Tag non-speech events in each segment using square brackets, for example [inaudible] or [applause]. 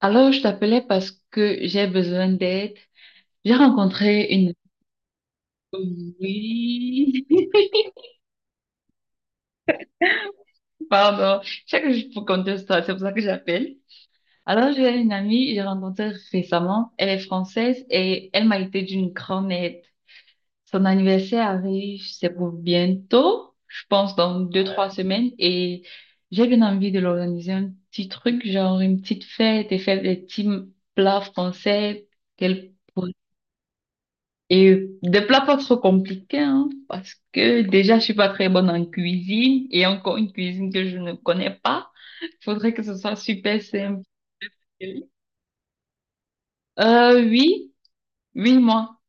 Alors, je t'appelais parce que j'ai besoin d'aide. J'ai rencontré une... Oui, [laughs] pardon. Je sais que je peux compter ça, c'est pour ça que j'appelle. Alors, j'ai une amie, j'ai rencontrée récemment. Elle est française et elle m'a été d'une grande aide. Son anniversaire arrive, c'est pour bientôt, je pense dans deux, trois Ouais. semaines. Et j'ai bien envie de l'organiser un petit truc, genre une petite fête et faire des petits plats français qu'elle Et des plats pas trop compliqués, hein, parce que déjà, je suis pas très bonne en cuisine et encore une cuisine que je ne connais pas. Faudrait que ce soit super simple. Oui, oui, moi.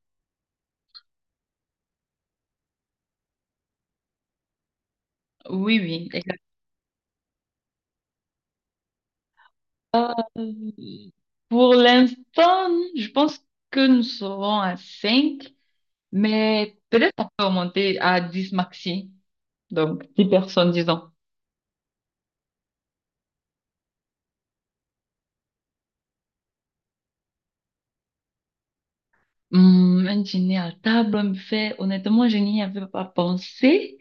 Oui, oui, exact. Euh, pour l'instant, je pense que nous serons à 5 mais peut-être on peut remonter à 10 maxi. Donc, 10 personnes, disons. Un dîner à table, un buffet, honnêtement, je n'y avais pas pensé.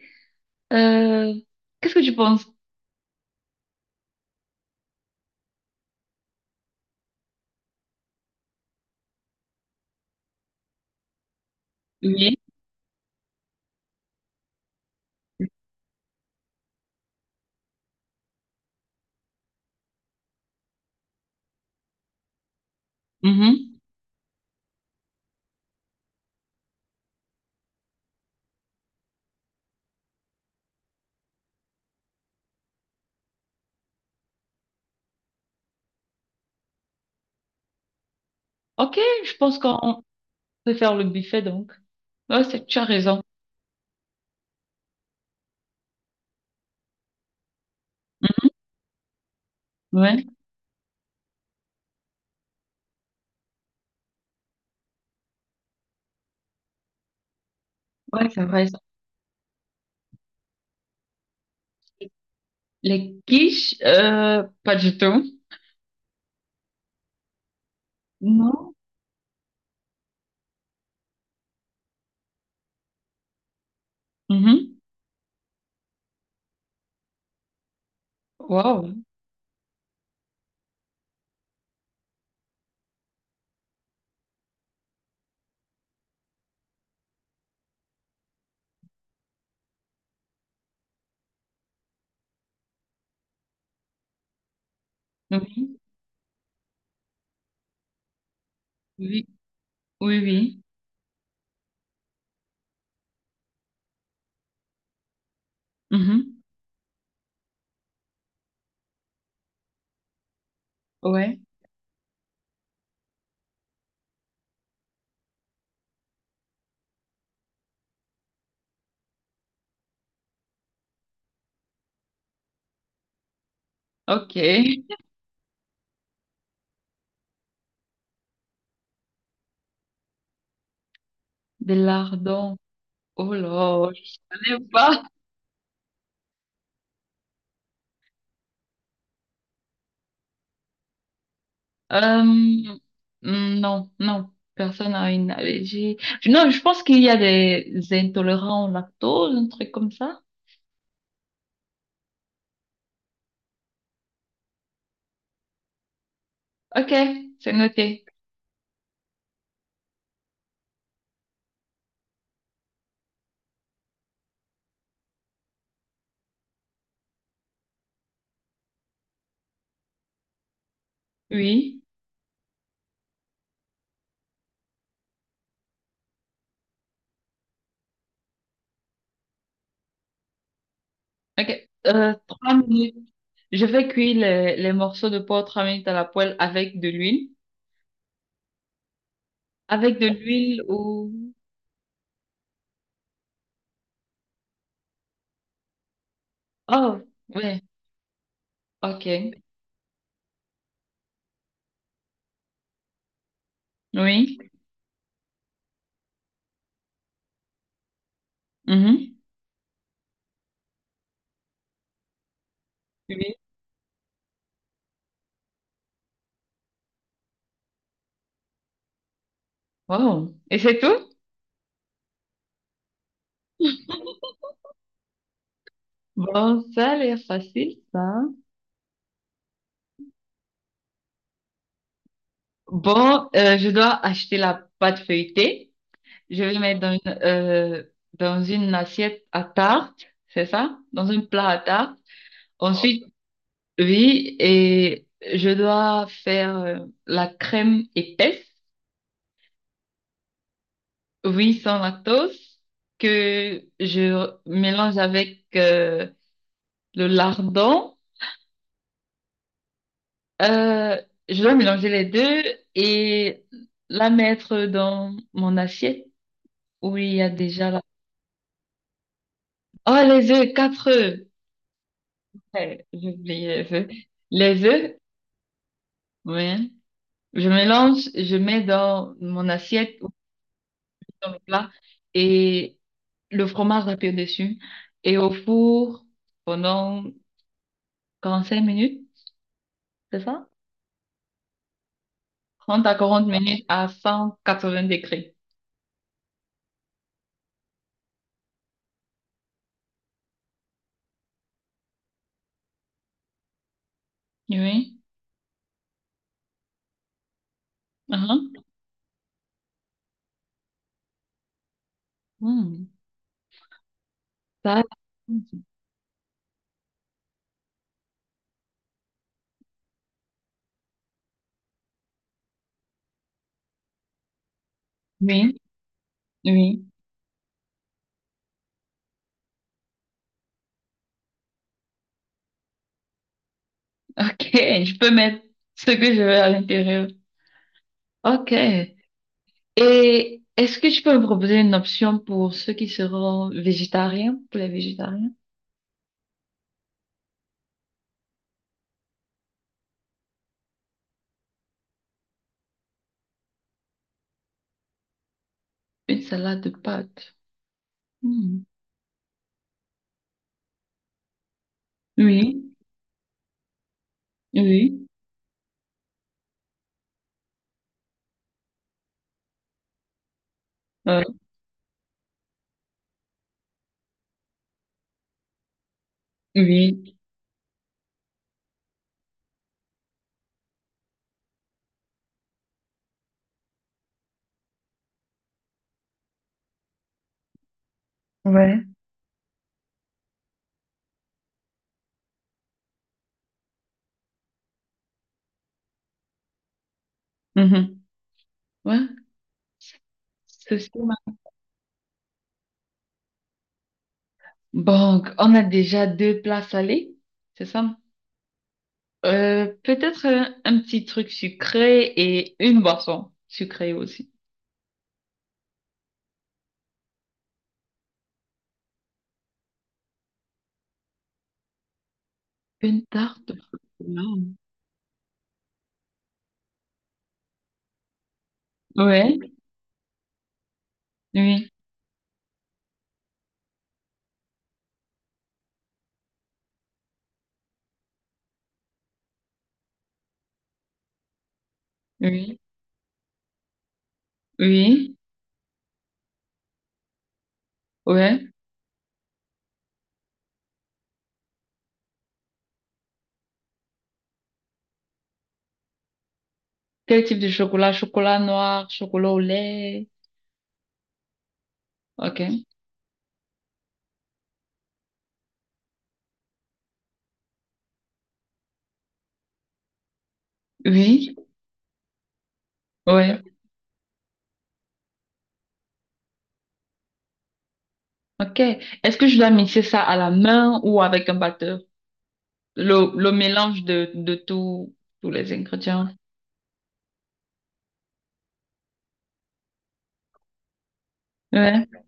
Euh, qu'est-ce que tu penses? Oui. Mhm. Ok, je pense qu'on peut faire le buffet donc. Ouais, tu as raison. Mhm. Ouais, ouais, c'est vrai, ça. Les quiches, pas du tout. Non. Mhm. Wow. Oui, oui, oui, oui. Mhm. Ouais. Ok. Des lardons. Oh là, je ne sais pas. Euh, mm, non, non. Personne n'a une allergie. Non, je pense qu'il y a des intolérants au lactose, un truc comme ça. Ok, c'est noté. Oui. Ok. 3 minutes. Je vais cuire les morceaux de porc 3 minutes à la poêle avec de l'huile. Avec de l'huile ou... Oh, ouais. Ok. Oui. Mhm. Oui. Wow. Et c'est tout? Bon, ça a l'air facile, ça. Bon, je dois acheter la pâte feuilletée. Je vais mettre dans dans une assiette à tarte, c'est ça? Dans un plat à tarte. Ensuite, oui, et je dois faire la crème épaisse, oui, sans lactose, que je mélange avec le lardon. Euh, je dois mélanger les deux et la mettre dans mon assiette où il y a déjà la... Oh, les œufs, 4 œufs. Ouais, j'ai oublié les œufs. Les œufs, oui. Je mélange, je mets dans mon assiette ou dans le plat et le fromage râpé dessus et au four pendant 45 minutes, c'est ça? 30 à 40 minutes à 180 degrés. Oui. Mhm. Hmm. Ça, oui, oui. OK, je peux mettre ce que je veux à l'intérieur. OK. Et est-ce que tu peux me proposer une option pour ceux qui seront végétariens, pour les végétariens? Une salade de pâtes. Hmm. Oui, oui, ouais, oui, ouais. Mhm. Ouais, Ceci, ma- Bon, on a déjà deux plats salés, c'est ça? Peut-être un petit truc sucré et une boisson sucrée aussi. Une tarte au chocolat. Ouais, oui, oui, oui, ouais. Quel type de chocolat? Chocolat noir, chocolat au lait. Ok. Oui, ouais. Ok. Est-ce que je dois mixer ça à la main ou avec un batteur? Le mélange de tout, tous les ingrédients. Ouais.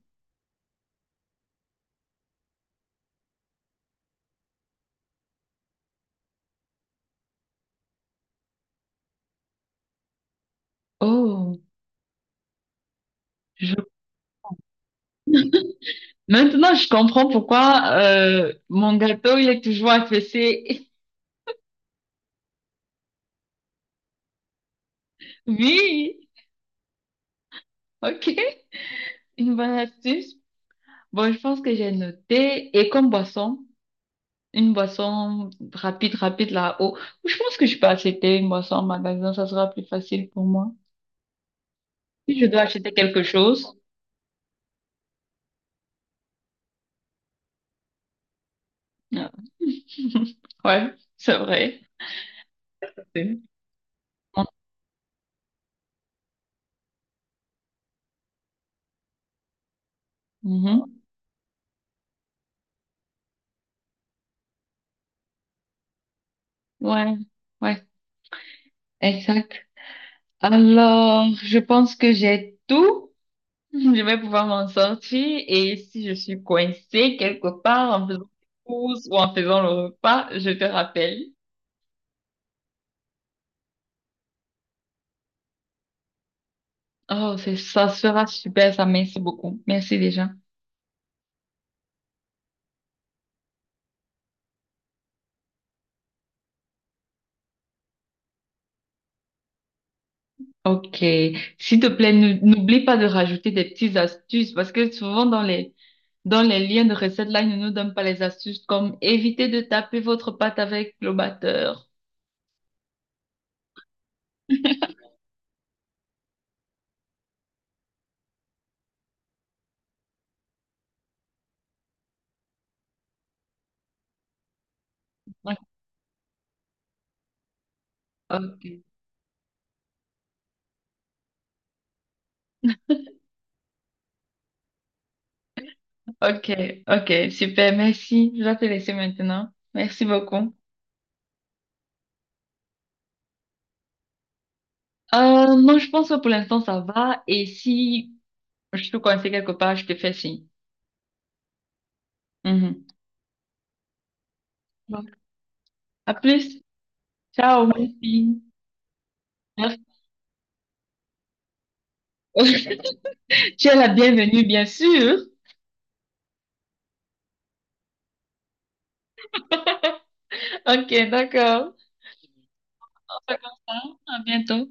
Oh, je Maintenant, je comprends pourquoi mon gâteau, il est toujours affaissé. [laughs] Oui, ok, une bonne astuce. Bon, je pense que j'ai noté. Et comme boisson, une boisson rapide, rapide là-haut. Je pense que je peux acheter une boisson en magasin, ça sera plus facile pour moi. Si je dois acheter quelque chose. euh, [laughs] Ouais, c'est vrai. C'est- Mhm. Ouais, ouais, exact. Alors, je pense que j'ai tout. Je vais pouvoir m'en sortir et si je suis coincée quelque part en faisant des courses ou en faisant le repas, je te rappelle. Oh, ça sera super, ça, merci beaucoup. Merci déjà. Ok. S'il te plaît, n'oublie pas de rajouter des petites astuces parce que souvent dans dans les liens de recettes là, ils ne nous donnent pas les astuces comme éviter de taper votre pâte avec le batteur. Ok, ok, ok, super, merci. Je dois te laisser maintenant. Merci beaucoup. Non, je pense que pour l'instant, ça va. Et si je te conseille quelque part, je te fais signe. Mhm. Bon. À plus. Ciao, mon fils. Merci. [laughs] Tu es la bienvenue, bien sûr. Ok, d'accord. On fait comme ça. À bientôt.